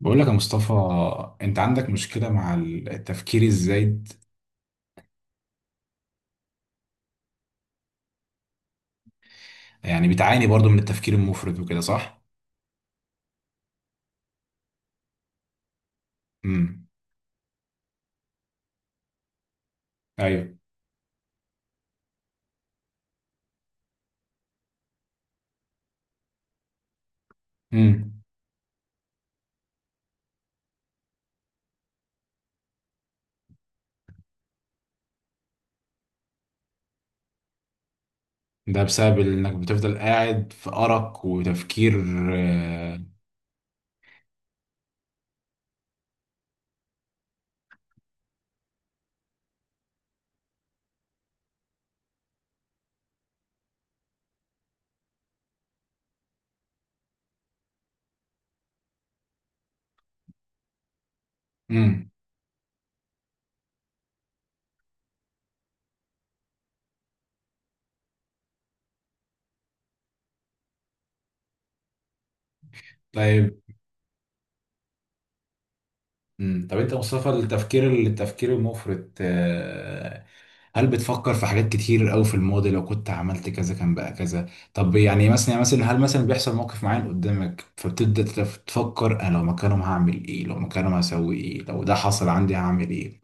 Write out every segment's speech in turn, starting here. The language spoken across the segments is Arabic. بقول لك يا مصطفى، انت عندك مشكلة مع التفكير الزايد. يعني بتعاني برضو من التفكير المفرط وكده صح؟ امم ايوه. امم ده بسبب انك بتفضل قاعد في أرق وتفكير. آه، امم. طيب، طب انت يا مصطفى، التفكير المفرط، هل بتفكر في حاجات كتير قوي في الماضي، لو كنت عملت كذا كان بقى كذا؟ طب يعني مثلا، يعني مثلا هل مثلا بيحصل موقف معين قدامك فبتبدأ تفكر انا لو مكانهم هعمل ايه، لو مكانهم هسوي ايه، لو ده حصل عندي هعمل ايه؟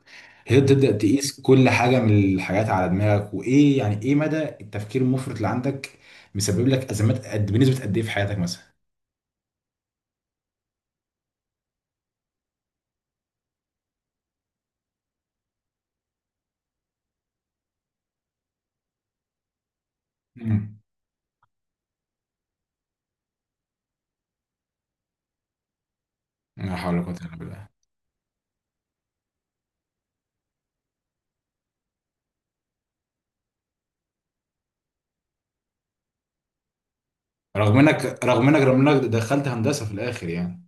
هي تبدأ تقيس كل حاجة من الحاجات على دماغك. وايه يعني ايه مدى التفكير المفرط اللي عندك مسبب لك ازمات، قد بنسبة قد ايه في حياتك مثلا؟ امم. لا حول ولا قوة الا بالله. رغم انك انك دخلت هندسة في الاخر يعني.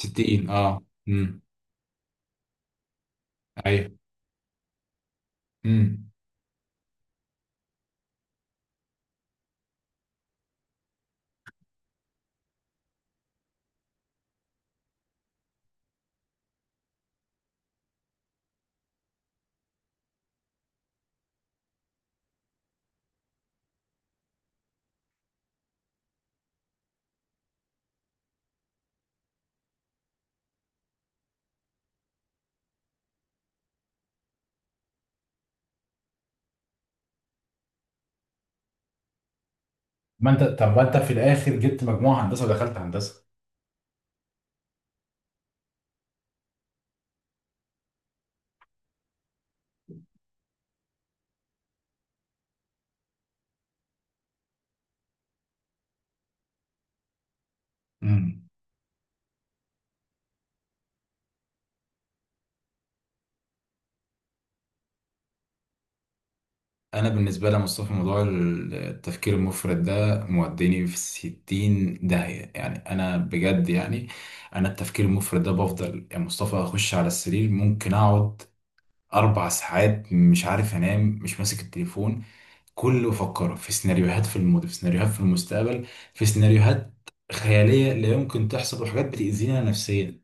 60 اه. امم. ايوه. امم. ما انت طب ما انت في الاخر جبت مجموعه هندسه ودخلت هندسه. امم. انا بالنسبه لي مصطفى، موضوع التفكير المفرط ده موديني في 60 داهيه يعني، انا بجد يعني، انا التفكير المفرط ده بفضل يا مصطفى اخش على السرير ممكن اقعد اربع ساعات مش عارف انام، مش ماسك التليفون، كله افكر في سيناريوهات في الماضي، في سيناريوهات في المستقبل، في سيناريوهات خياليه لا يمكن تحصل، وحاجات بتاذينا نفسيا،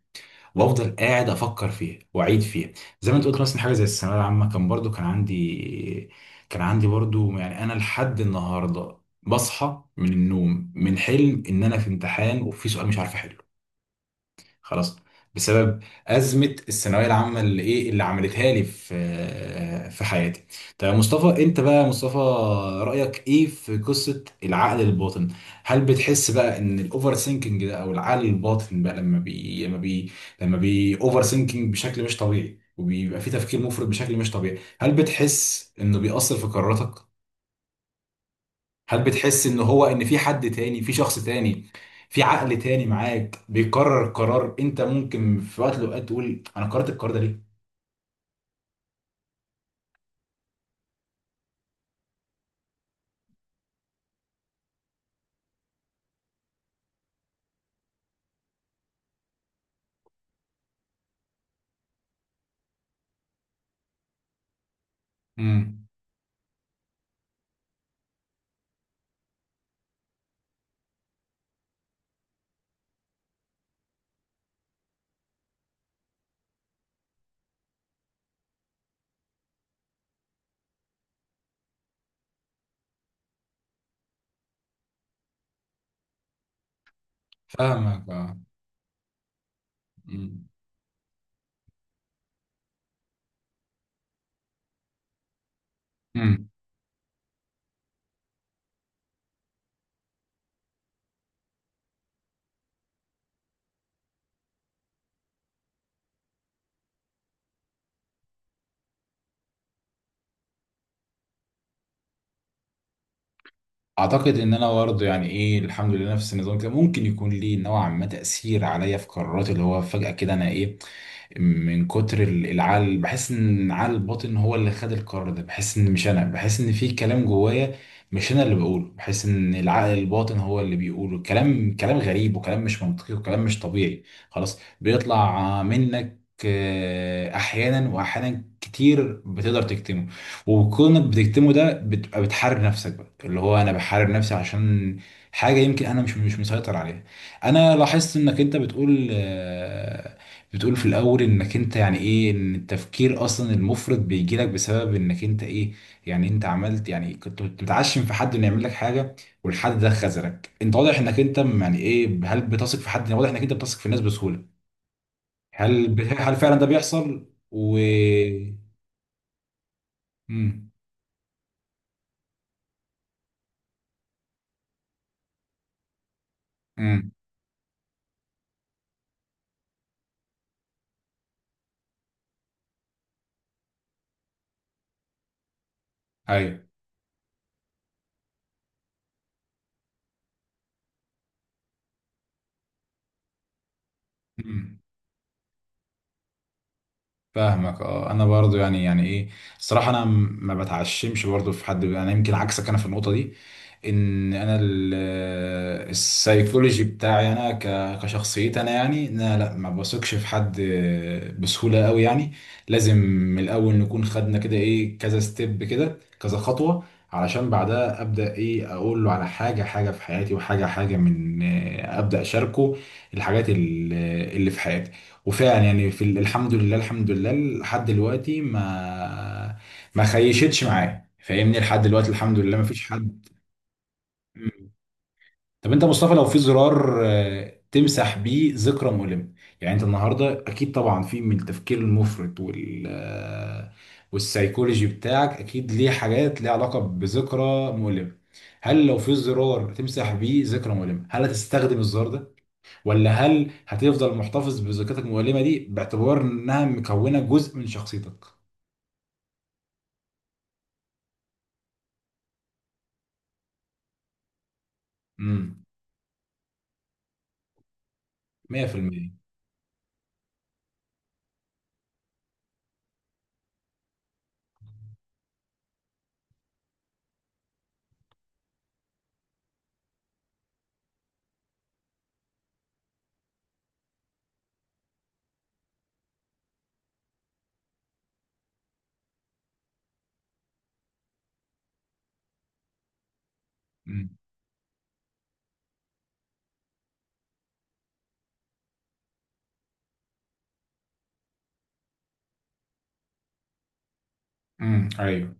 وافضل قاعد افكر فيها واعيد فيها. زي ما انت قلت مثلا، حاجه زي الثانويه العامه كان برضو كان عندي برضو، يعني انا لحد النهارده بصحى من النوم من حلم ان انا في امتحان وفي سؤال مش عارف احله. خلاص، بسبب أزمة الثانوية العامة اللي إيه اللي عملتها لي في في حياتي. طيب يا مصطفى، أنت بقى يا مصطفى رأيك إيه في قصة العقل الباطن؟ هل بتحس بقى إن الأوفر سينكينج ده أو العقل الباطن بقى، لما بي أوفر سينكينج بشكل مش طبيعي وبيبقى في تفكير مفرط بشكل مش طبيعي، هل بتحس إنه بيأثر في قراراتك؟ هل بتحس ان هو ان في حد تاني، في شخص تاني، في عقل تاني معاك بيقرر قرار انت ممكن في وقت من الاوقات تقول انا قررت القرار ده ليه؟ امم. فاهمك اه. امم. اعتقد ان انا برضه يعني ايه، الحمد لله نفس النظام كده، ممكن يكون ليه نوعا ما تاثير عليا في قراراتي، اللي هو فجاه كده انا ايه من كتر العقل بحس ان عقل الباطن هو اللي خد القرار ده، بحس ان مش انا، بحس ان في كلام جوايا مش انا اللي بقوله، بحس ان العقل الباطن هو اللي بيقوله، كلام غريب وكلام مش منطقي وكلام مش طبيعي. خلاص بيطلع منك احيانا، واحيانا كتير بتقدر تكتمه، وكونك بتكتمه ده بتبقى بتحارب نفسك بقى، اللي هو انا بحارب نفسي عشان حاجه يمكن انا مش مسيطر عليها. انا لاحظت انك انت بتقول، بتقول في الاول انك انت يعني ايه، ان التفكير اصلا المفرط بيجي لك بسبب انك انت ايه، يعني انت عملت، يعني كنت بتعشم في حد انه يعمل لك حاجه، والحد ده خذلك. انت واضح انك انت يعني ايه، هل بتثق في حد؟ واضح انك انت بتثق في الناس بسهوله. هل فعلا ده بيحصل و... مم. مم. ايوه. فاهمك اه. انا برضو يعني، يعني ايه، الصراحه انا ما بتعشمش برضو في حد، انا يمكن عكسك انا في النقطه دي، ان انا السايكولوجي بتاعي انا كشخصيتي انا يعني، ان انا لا ما بثقش في حد بسهوله قوي يعني، لازم من الاول نكون خدنا كده ايه، كذا ستيب كده، كذا خطوه علشان بعدها ابدا ايه اقول له على حاجه، في حياتي، وحاجه من، ابدا اشاركه الحاجات اللي في حياتي، وفعلا يعني في الحمد لله، لحد دلوقتي ما، ما خيشتش معايا فاهمني، لحد دلوقتي الحمد لله ما فيش حد. طب انت يا مصطفى لو في زرار تمسح بيه ذكرى مؤلمة، يعني انت النهارده اكيد طبعا في من التفكير المفرط وال والسايكولوجي بتاعك اكيد ليه حاجات ليها علاقة بذكرى مؤلمة، هل لو في زرار تمسح بيه ذكرى مؤلمة هل هتستخدم الزرار ده، ولا هل هتفضل محتفظ بذكرتك المؤلمة دي باعتبار انها مكونة جزء من شخصيتك؟ امم. 100%. امم. امم. ايوه.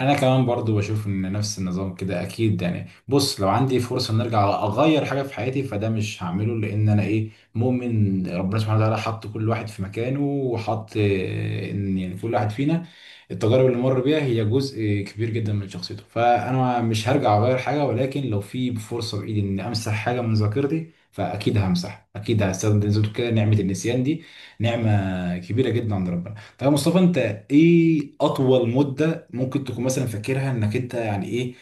انا كمان برضو بشوف ان نفس النظام كده. اكيد يعني، بص، لو عندي فرصه ان ارجع اغير حاجه في حياتي فده مش هعمله، لان انا ايه، مؤمن ربنا سبحانه وتعالى حط كل واحد في مكانه، وحط ان يعني كل واحد فينا التجارب اللي مر بيها هي جزء كبير جدا من شخصيته، فانا مش هرجع اغير حاجه. ولكن لو في فرصه بايدي ان امسح حاجه من ذاكرتي فاكيد همسح، اكيد هستخدم زي ما بتقول كده نعمه النسيان دي، نعمه كبيره جدا عند ربنا. طيب يا مصطفى انت ايه اطول مده ممكن تكون مثلا فاكرها انك انت يعني ايه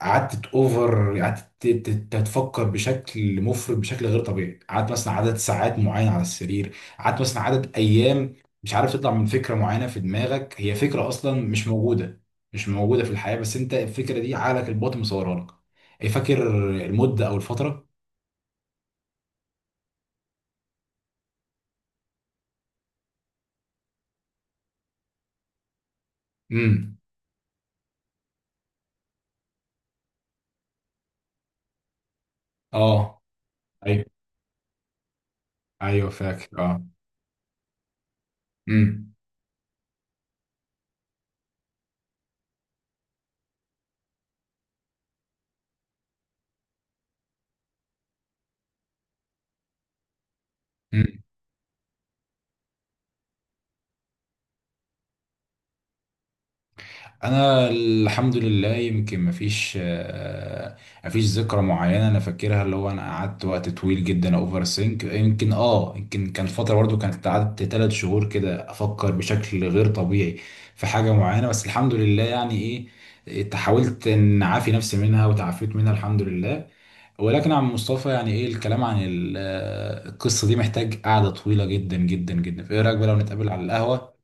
قعدت اوفر، قعدت تتفكر بشكل مفرط بشكل غير طبيعي، قعدت مثلا عدد ساعات معين على السرير، قعدت مثلا عدد ايام مش عارف تطلع من فكره معينه في دماغك، هي فكره اصلا مش موجوده في الحياه، بس انت الفكره دي عقلك الباطن مصورها لك؟ فاكر المده او الفتره؟ امم. اه. ايوه. ايوه فاكر اه. امم. امم. انا الحمد لله يمكن مفيش مفيش ذكرى معينه انا فاكرها اللي هو انا قعدت وقت طويل جدا اوفر سينك، يمكن اه يمكن كان فتره برضو كانت، قعدت ثلاث شهور كده افكر بشكل غير طبيعي في حاجه معينه، بس الحمد لله يعني ايه، حاولت ان اعافي نفسي منها وتعافيت منها الحمد لله. ولكن عم مصطفى يعني ايه، الكلام عن القصه دي محتاج قعده طويله جدا جدا جدا، فايه رايك بقى لو نتقابل على القهوه؟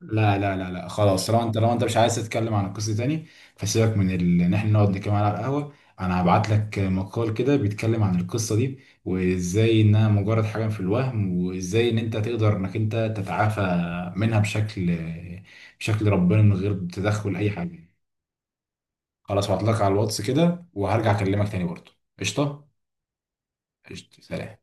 لا خلاص، لو انت مش عايز تتكلم عن القصه تاني فسيبك من ان احنا نقعد نتكلم على القهوه، انا هبعت لك مقال كده بيتكلم عن القصه دي، وازاي انها مجرد حاجه في الوهم، وازاي ان انت تقدر انك انت تتعافى منها بشكل، ربنا من غير تدخل اي حاجه. خلاص هبعت لك على الواتس كده وهرجع اكلمك تاني برضه. قشطه. قشطه سلام.